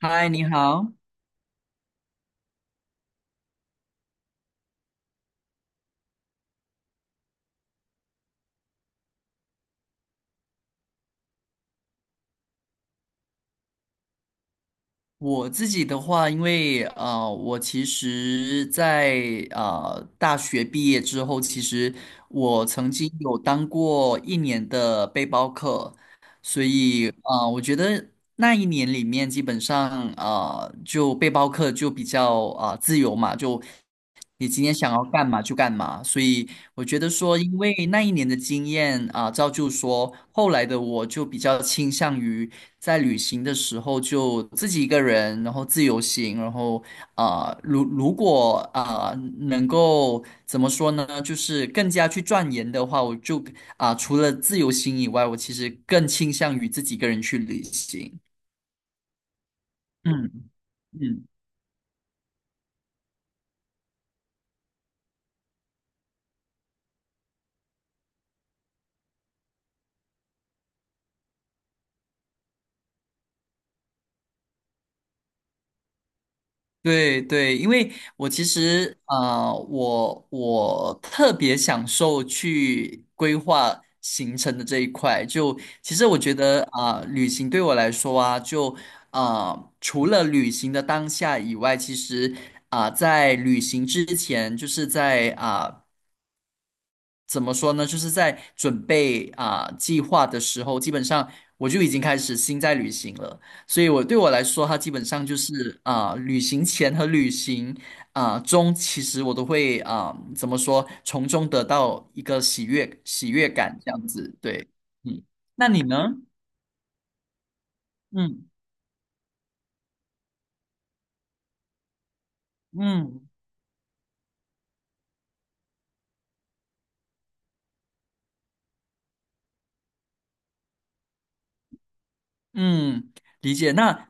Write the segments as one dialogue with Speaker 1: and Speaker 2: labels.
Speaker 1: 嗨，你好。我自己的话，因为啊，我其实在，大学毕业之后，其实我曾经有当过一年的背包客，所以啊，我觉得那一年里面，基本上啊，就背包客就比较自由嘛，就你今天想要干嘛就干嘛。所以我觉得说，因为那一年的经验造就说后来的我就比较倾向于。在旅行的时候就自己一个人，然后自由行，然后啊，如果能够怎么说呢，就是更加去钻研的话，我就除了自由行以外，我其实更倾向于自己一个人去旅行。嗯嗯。对对，因为我其实我特别享受去规划行程的这一块。就其实我觉得旅行对我来说啊，就除了旅行的当下以外，其实在旅行之前，就是在怎么说呢？就是在准备计划的时候，基本上我就已经开始心在旅行了。所以我对我来说，它基本上就是旅行前和旅行中，其实我都会怎么说，从中得到一个喜悦感，这样子。对，嗯，那你呢？嗯嗯嗯，理解。那。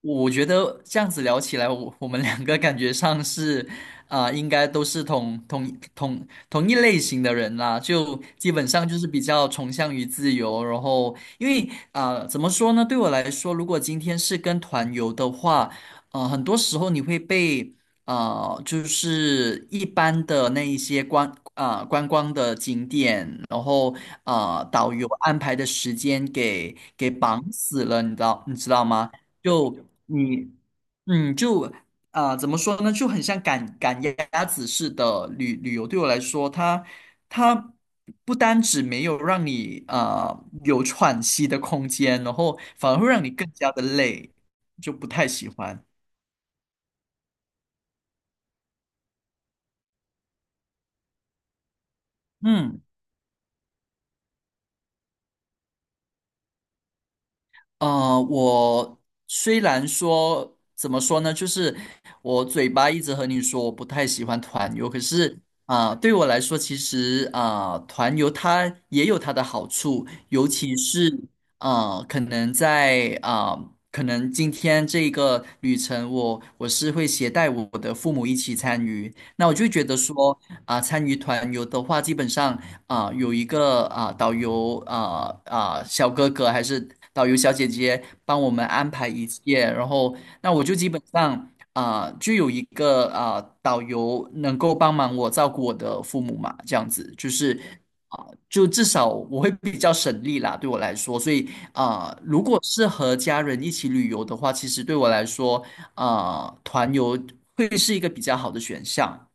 Speaker 1: 我觉得这样子聊起来，我们两个感觉上是，应该都是同一类型的人啦，就基本上就是比较崇尚于自由。然后，因为怎么说呢？对我来说，如果今天是跟团游的话，很多时候你会被就是一般的那一些观光的景点，然后啊，导游安排的时间给绑死了，你知道吗？就你就怎么说呢，就很像赶鸭子似的旅游。对我来说，它它不单只没有让你啊有喘息的空间，然后反而会让你更加的累，就不太喜欢。嗯。我虽然说怎么说呢，就是我嘴巴一直和你说我不太喜欢团游，可是对我来说，其实团游它也有它的好处，尤其是可能在可能今天这个旅程我，我是会携带我的父母一起参与，那我就觉得说参与团游的话，基本上有一个导游小哥哥还是导游小姐姐帮我们安排一切，然后那我就基本上就有一个导游能够帮忙我照顾我的父母嘛，这样子就是就至少我会比较省力啦，对我来说，所以如果是和家人一起旅游的话，其实对我来说团游会是一个比较好的选项。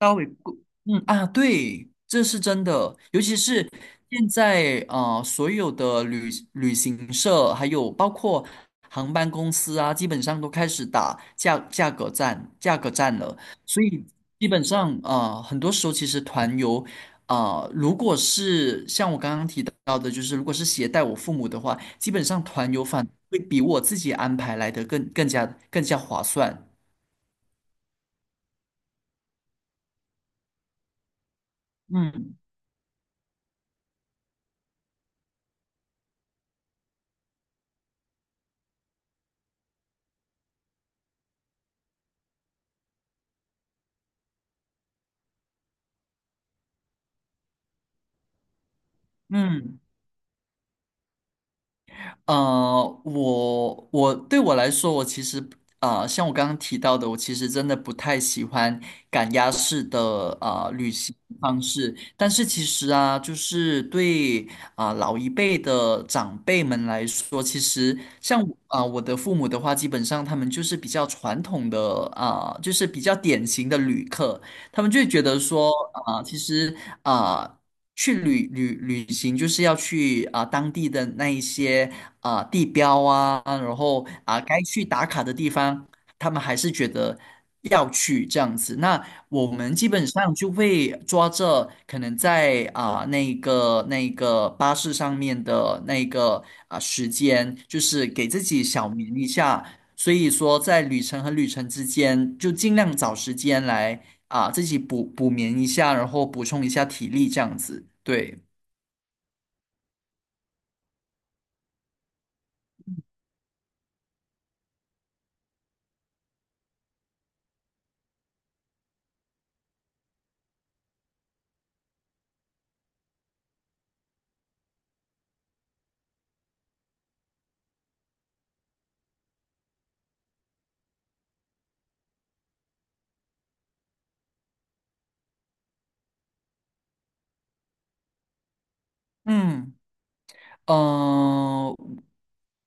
Speaker 1: 稍微贵，嗯啊，对，这是真的，尤其是现在所有的旅行社还有包括航班公司啊，基本上都开始打价格战了。所以基本上很多时候其实团游如果是像我刚刚提到的，就是如果是携带我父母的话，基本上团游反而会比我自己安排来的更加更加划算。嗯嗯。我对我来说，我其实啊，像我刚刚提到的，我其实真的不太喜欢赶鸭式的旅行方式。但是其实啊，就是对老一辈的长辈们来说，其实像我的父母的话，基本上他们就是比较传统的就是比较典型的旅客。他们就会觉得说，其实啊、呃去旅行就是要去当地的那一些地标啊，然后该去打卡的地方，他们还是觉得要去这样子。那我们基本上就会抓着可能在那个巴士上面的那个时间，就是给自己小眠一下。所以说，在旅程和旅程之间，就尽量找时间来啊，自己补眠一下，然后补充一下体力，这样子。对，嗯，呃，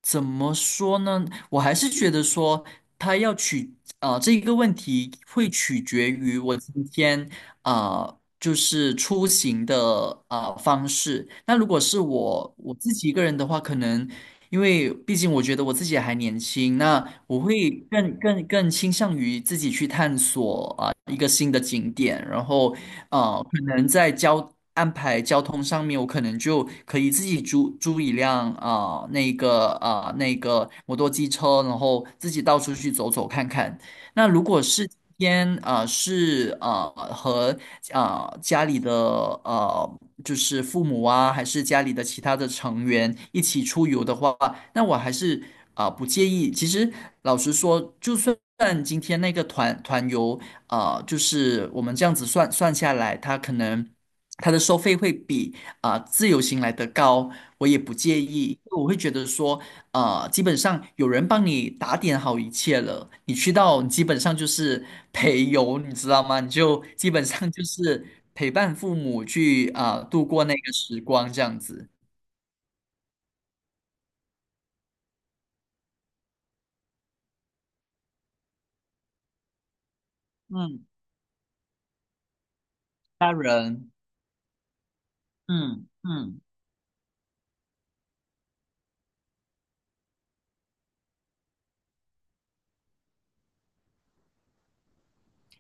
Speaker 1: 怎么说呢？我还是觉得说，它要取啊、呃这一个问题会取决于我今天啊、就是出行的方式。那如果是我自己一个人的话，可能因为毕竟我觉得我自己还年轻，那我会更倾向于自己去探索一个新的景点，然后可能在安排交通上面，我可能就可以自己租租一辆那个那个摩托机车，然后自己到处去走走看看。那如果是今天是啊，和家里的呃就是父母啊，还是家里的其他的成员一起出游的话，那我还是不介意。其实老实说，就算今天那个团游。啊，就是我们这样子算算下来，它可能它的收费会比自由行来得高，我也不介意，因为我会觉得说，啊，基本上有人帮你打点好一切了，你去到你基本上就是陪游，你知道吗？你就基本上就是陪伴父母去度过那个时光这样子，嗯，家人，嗯嗯。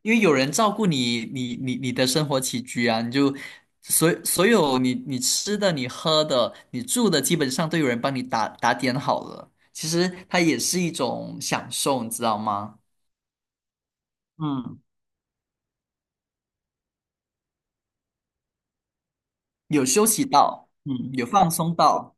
Speaker 1: 因为有人照顾你，你的生活起居啊，你就所有你吃的、你喝的、你住的，基本上都有人帮你打点好了。其实它也是一种享受，你知道吗？嗯，有休息到，嗯，有放松到。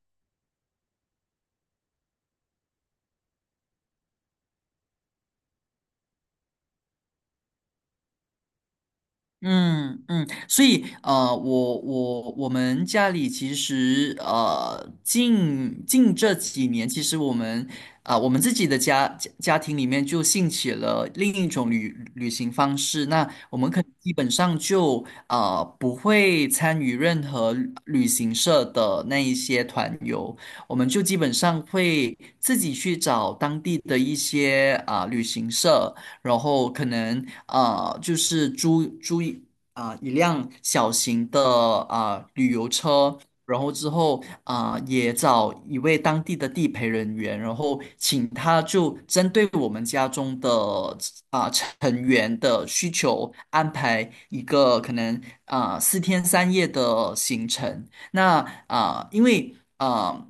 Speaker 1: 嗯嗯，所以我们家里其实近这几年，其实我们我们自己的家庭里面就兴起了另一种旅行方式。那我们可能基本上就啊，不会参与任何旅行社的那一些团游，我们就基本上会自己去找当地的一些旅行社。然后可能就是租租一啊、一辆小型的旅游车，然后之后也找一位当地的地陪人员，然后请他就针对我们家中的成员的需求安排一个可能4天3夜的行程。那因为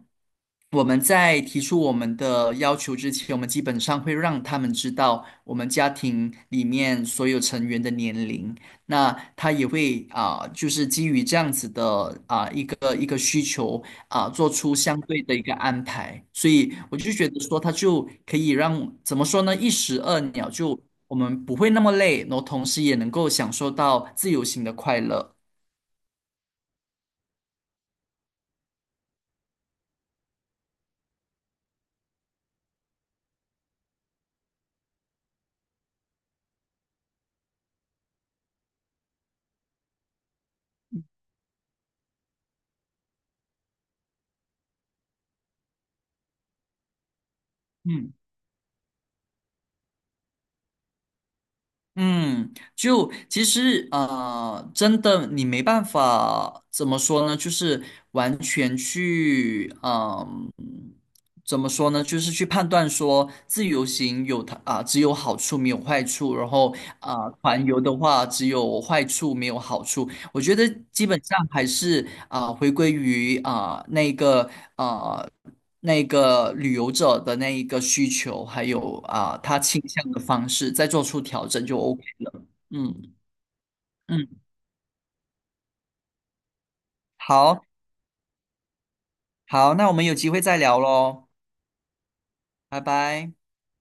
Speaker 1: 我们在提出我们的要求之前，我们基本上会让他们知道我们家庭里面所有成员的年龄。那他也会就是基于这样子的一个需求做出相对的一个安排。所以我就觉得说，他就可以让怎么说呢，一石二鸟就。我们不会那么累，然后同时也能够享受到自由行的快乐。嗯。嗯，就其实啊，真的你没办法怎么说呢？就是完全去怎么说呢？就是去判断说自由行有它只有好处没有坏处，然后团游的话只有坏处没有好处。我觉得基本上还是回归于那个啊那个旅游者的那一个需求，还有他倾向的方式，再做出调整就 OK 了。嗯嗯，好好，那我们有机会再聊喽，拜拜。